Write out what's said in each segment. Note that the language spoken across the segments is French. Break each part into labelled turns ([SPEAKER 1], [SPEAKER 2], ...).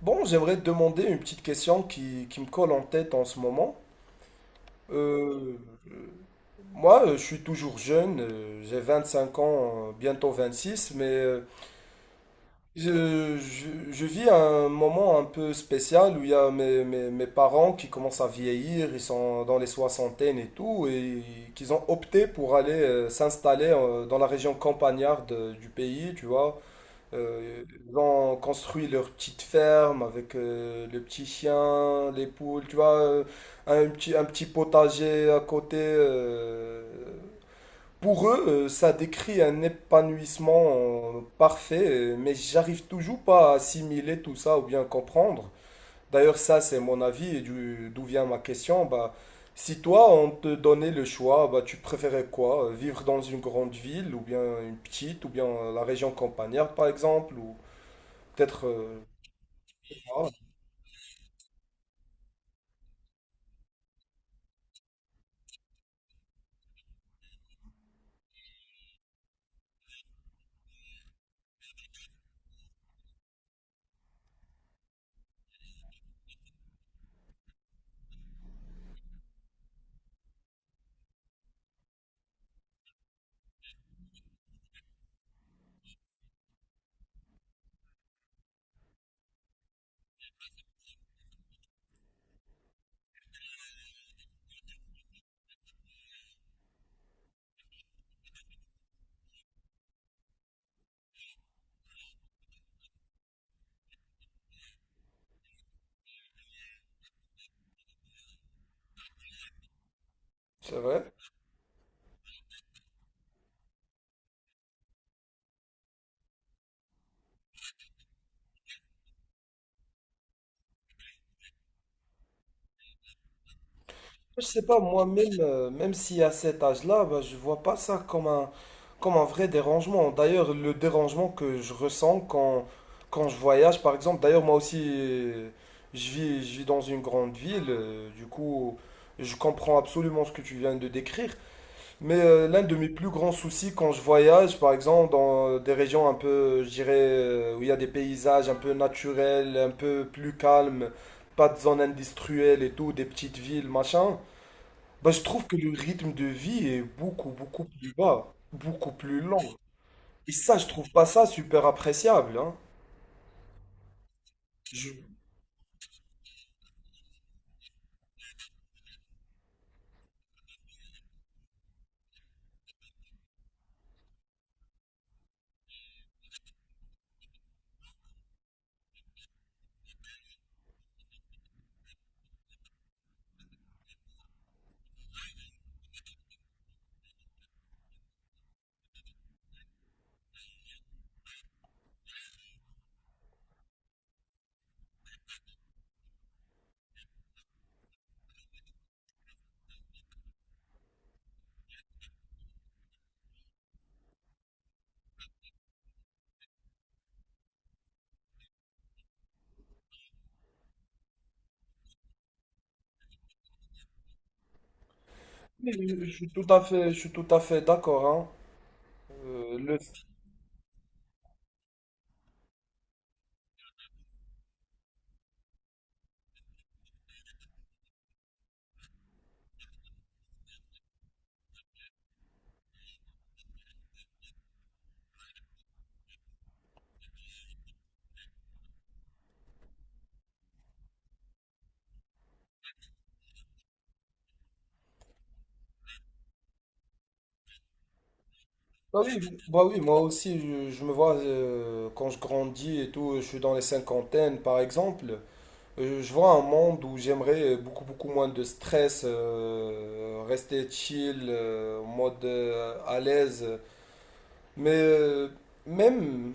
[SPEAKER 1] Bon, j'aimerais te demander une petite question qui me colle en tête en ce moment. Euh, euh, moi, je suis toujours jeune, j'ai cinq ans, bientôt six, mais je vis un moment un peu spécial où il y a mes parents qui commencent à vieillir, ils sont dans les soixantaines et tout, et qu'ils ont opté pour aller s'installer dans la région campagnarde du pays, tu vois. Euh, Ils ont construit leur petite ferme avec le petit chien, les poules, tu vois, un petit potager à côté. Pour eux, ça décrit un épanouissement parfait, mais j'arrive toujours pas à assimiler tout ça ou bien comprendre. D'ailleurs, ça, c'est mon avis et d'où vient ma question. Bah, si toi, on te donnait le choix, bah, tu préférais quoi? Vivre dans une grande ville ou bien une petite ou bien la région campagnarde, par exemple? Peut-être, ah, c'est vrai. Je sais pas, moi-même, même si à cet âge-là, bah, je vois pas ça comme un vrai dérangement. D'ailleurs, le dérangement que je ressens quand je voyage, par exemple, d'ailleurs, moi aussi, je vis dans une grande ville, du coup, je comprends absolument ce que tu viens de décrire. Mais l'un de mes plus grands soucis quand je voyage, par exemple, dans des régions un peu, je dirais, où il y a des paysages un peu naturels, un peu plus calmes, pas de zones industrielles et tout, des petites villes, machin, bah, je trouve que le rythme de vie est beaucoup, beaucoup plus bas, beaucoup plus lent. Et ça, je trouve pas ça super appréciable, hein. Je, mais je suis tout à fait, je suis tout à fait d'accord, hein. Le Bah oui, bah oui, moi aussi, je me vois quand je grandis et tout, je suis dans les cinquantaines par exemple, je vois un monde où j'aimerais beaucoup beaucoup moins de stress, rester chill, en mode à l'aise, mais même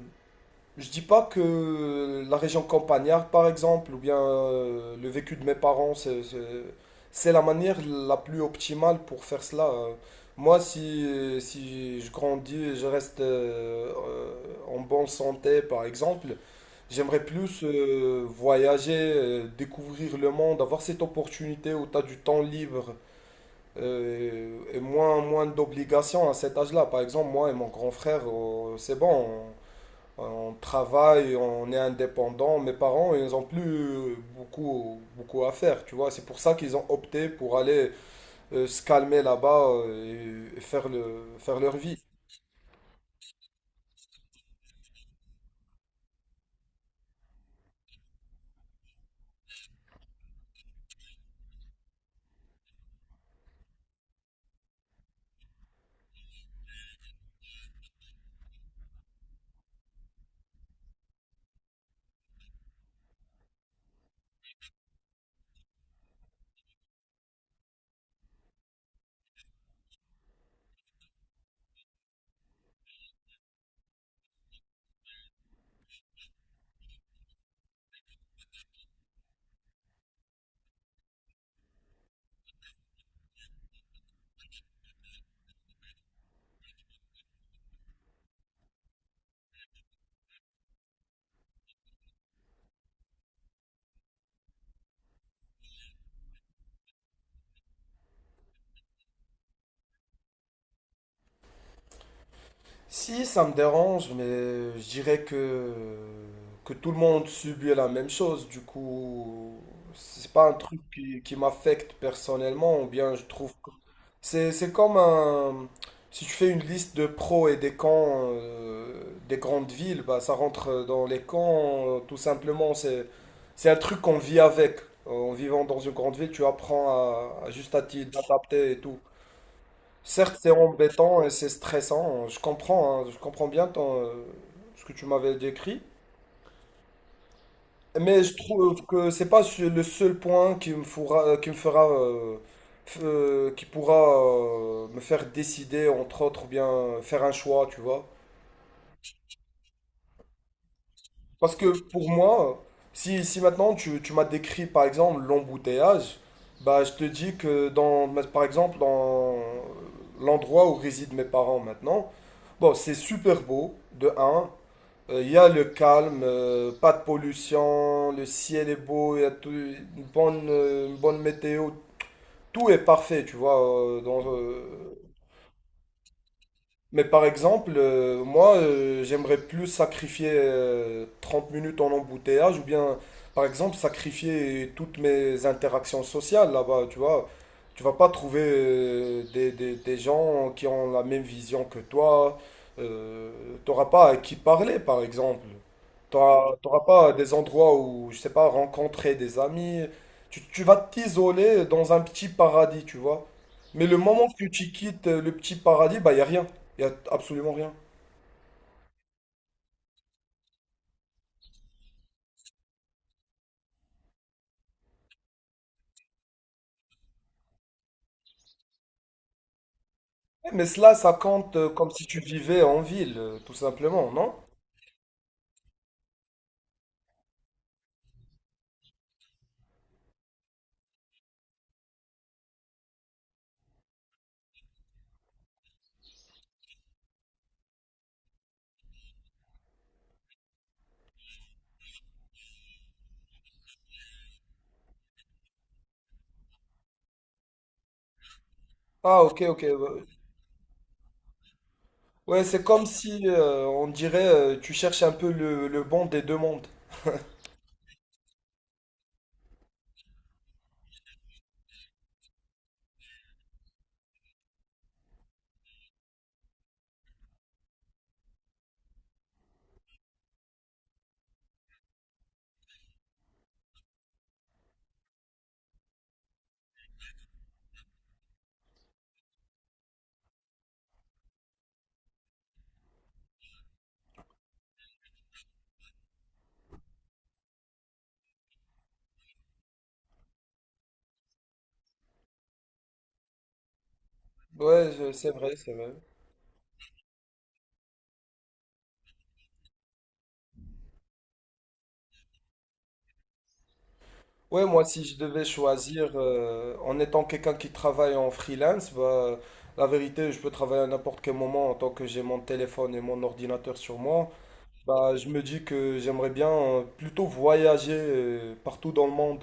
[SPEAKER 1] je dis pas que la région campagnarde, par exemple, ou bien le vécu de mes parents, c'est la manière la plus optimale pour faire cela. Moi, si, Si je grandis et je reste en bonne santé, par exemple, j'aimerais plus voyager, découvrir le monde, avoir cette opportunité où tu as du temps libre et moins d'obligations à cet âge-là. Par exemple, moi et mon grand frère, c'est bon. On travaille, on est indépendant. Mes parents, ils n'ont plus beaucoup à faire, tu vois. C'est pour ça qu'ils ont opté pour aller se calmer là-bas et faire faire leur vie. Si, ça me dérange, mais je dirais que tout le monde subit la même chose. Du coup, c'est pas un truc qui m'affecte personnellement, ou bien je trouve que c'est, c'est comme un, si tu fais une liste de pros et des cons des grandes villes, bah, ça rentre dans les cons, tout simplement. C'est un truc qu'on vit avec. En vivant dans une grande ville, tu apprends à juste à t'y adapter et tout. Certes, c'est embêtant et c'est stressant, hein. Je comprends, hein, je comprends bien ton, ce que tu m'avais décrit, mais je trouve que c'est pas le seul point qui me fera, qui me fera, qui pourra me faire décider, entre autres, ou bien faire un choix, tu vois. Parce que pour moi, si maintenant tu m'as décrit, par exemple, l'embouteillage, bah, je te dis que dans, par exemple, dans l'endroit où résident mes parents maintenant, bon, c'est super beau, de un. Il y a le calme, pas de pollution, le ciel est beau, il y a une bonne météo, tout est parfait, tu vois, mais par exemple, j'aimerais plus sacrifier 30 minutes en embouteillage ou bien, par exemple, sacrifier toutes mes interactions sociales là-bas, tu vois. Tu vas pas trouver des gens qui ont la même vision que toi. Euh, T'auras pas à qui parler, par exemple. T'auras pas des endroits où, je sais pas, rencontrer des amis. Tu vas t'isoler dans un petit paradis, tu vois. Mais le moment que tu quittes le petit paradis, bah, y a rien. Il n'y a absolument rien. Eh, mais cela, ça compte comme si tu vivais en ville, tout simplement, non? Ah, ok, ok. Ouais, c'est comme si, on dirait, tu cherches un peu le bon des deux mondes. C'est vrai, c'est vrai. Ouais, moi, si je devais choisir, en étant quelqu'un qui travaille en freelance, bah, la vérité, je peux travailler à n'importe quel moment en tant que j'ai mon téléphone et mon ordinateur sur moi. Bah, je me dis que j'aimerais bien plutôt voyager partout dans le monde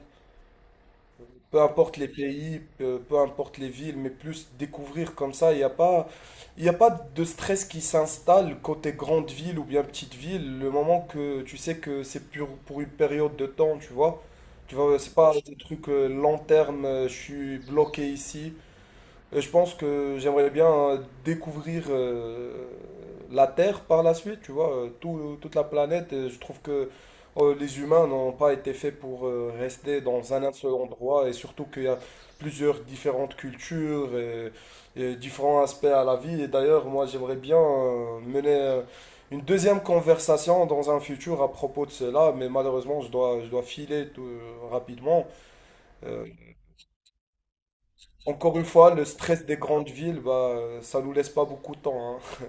[SPEAKER 1] peu importe les pays, peu importe les villes, mais plus découvrir comme ça. Il y a pas de stress qui s'installe côté grande ville ou bien petite ville. Le moment que tu sais que c'est pour une période de temps, tu vois. Tu vois, c'est pas des trucs long terme, je suis bloqué ici. Et je pense que j'aimerais bien découvrir la Terre par la suite, tu vois, toute la planète. Et je trouve que les humains n'ont pas été faits pour rester dans un seul endroit et surtout qu'il y a plusieurs différentes cultures et différents aspects à la vie. Et d'ailleurs, moi, j'aimerais bien mener une deuxième conversation dans un futur à propos de cela, mais malheureusement, je dois filer tout, rapidement. Euh, Encore une fois, le stress des grandes villes, bah, ça nous laisse pas beaucoup de temps, hein.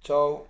[SPEAKER 1] Ciao.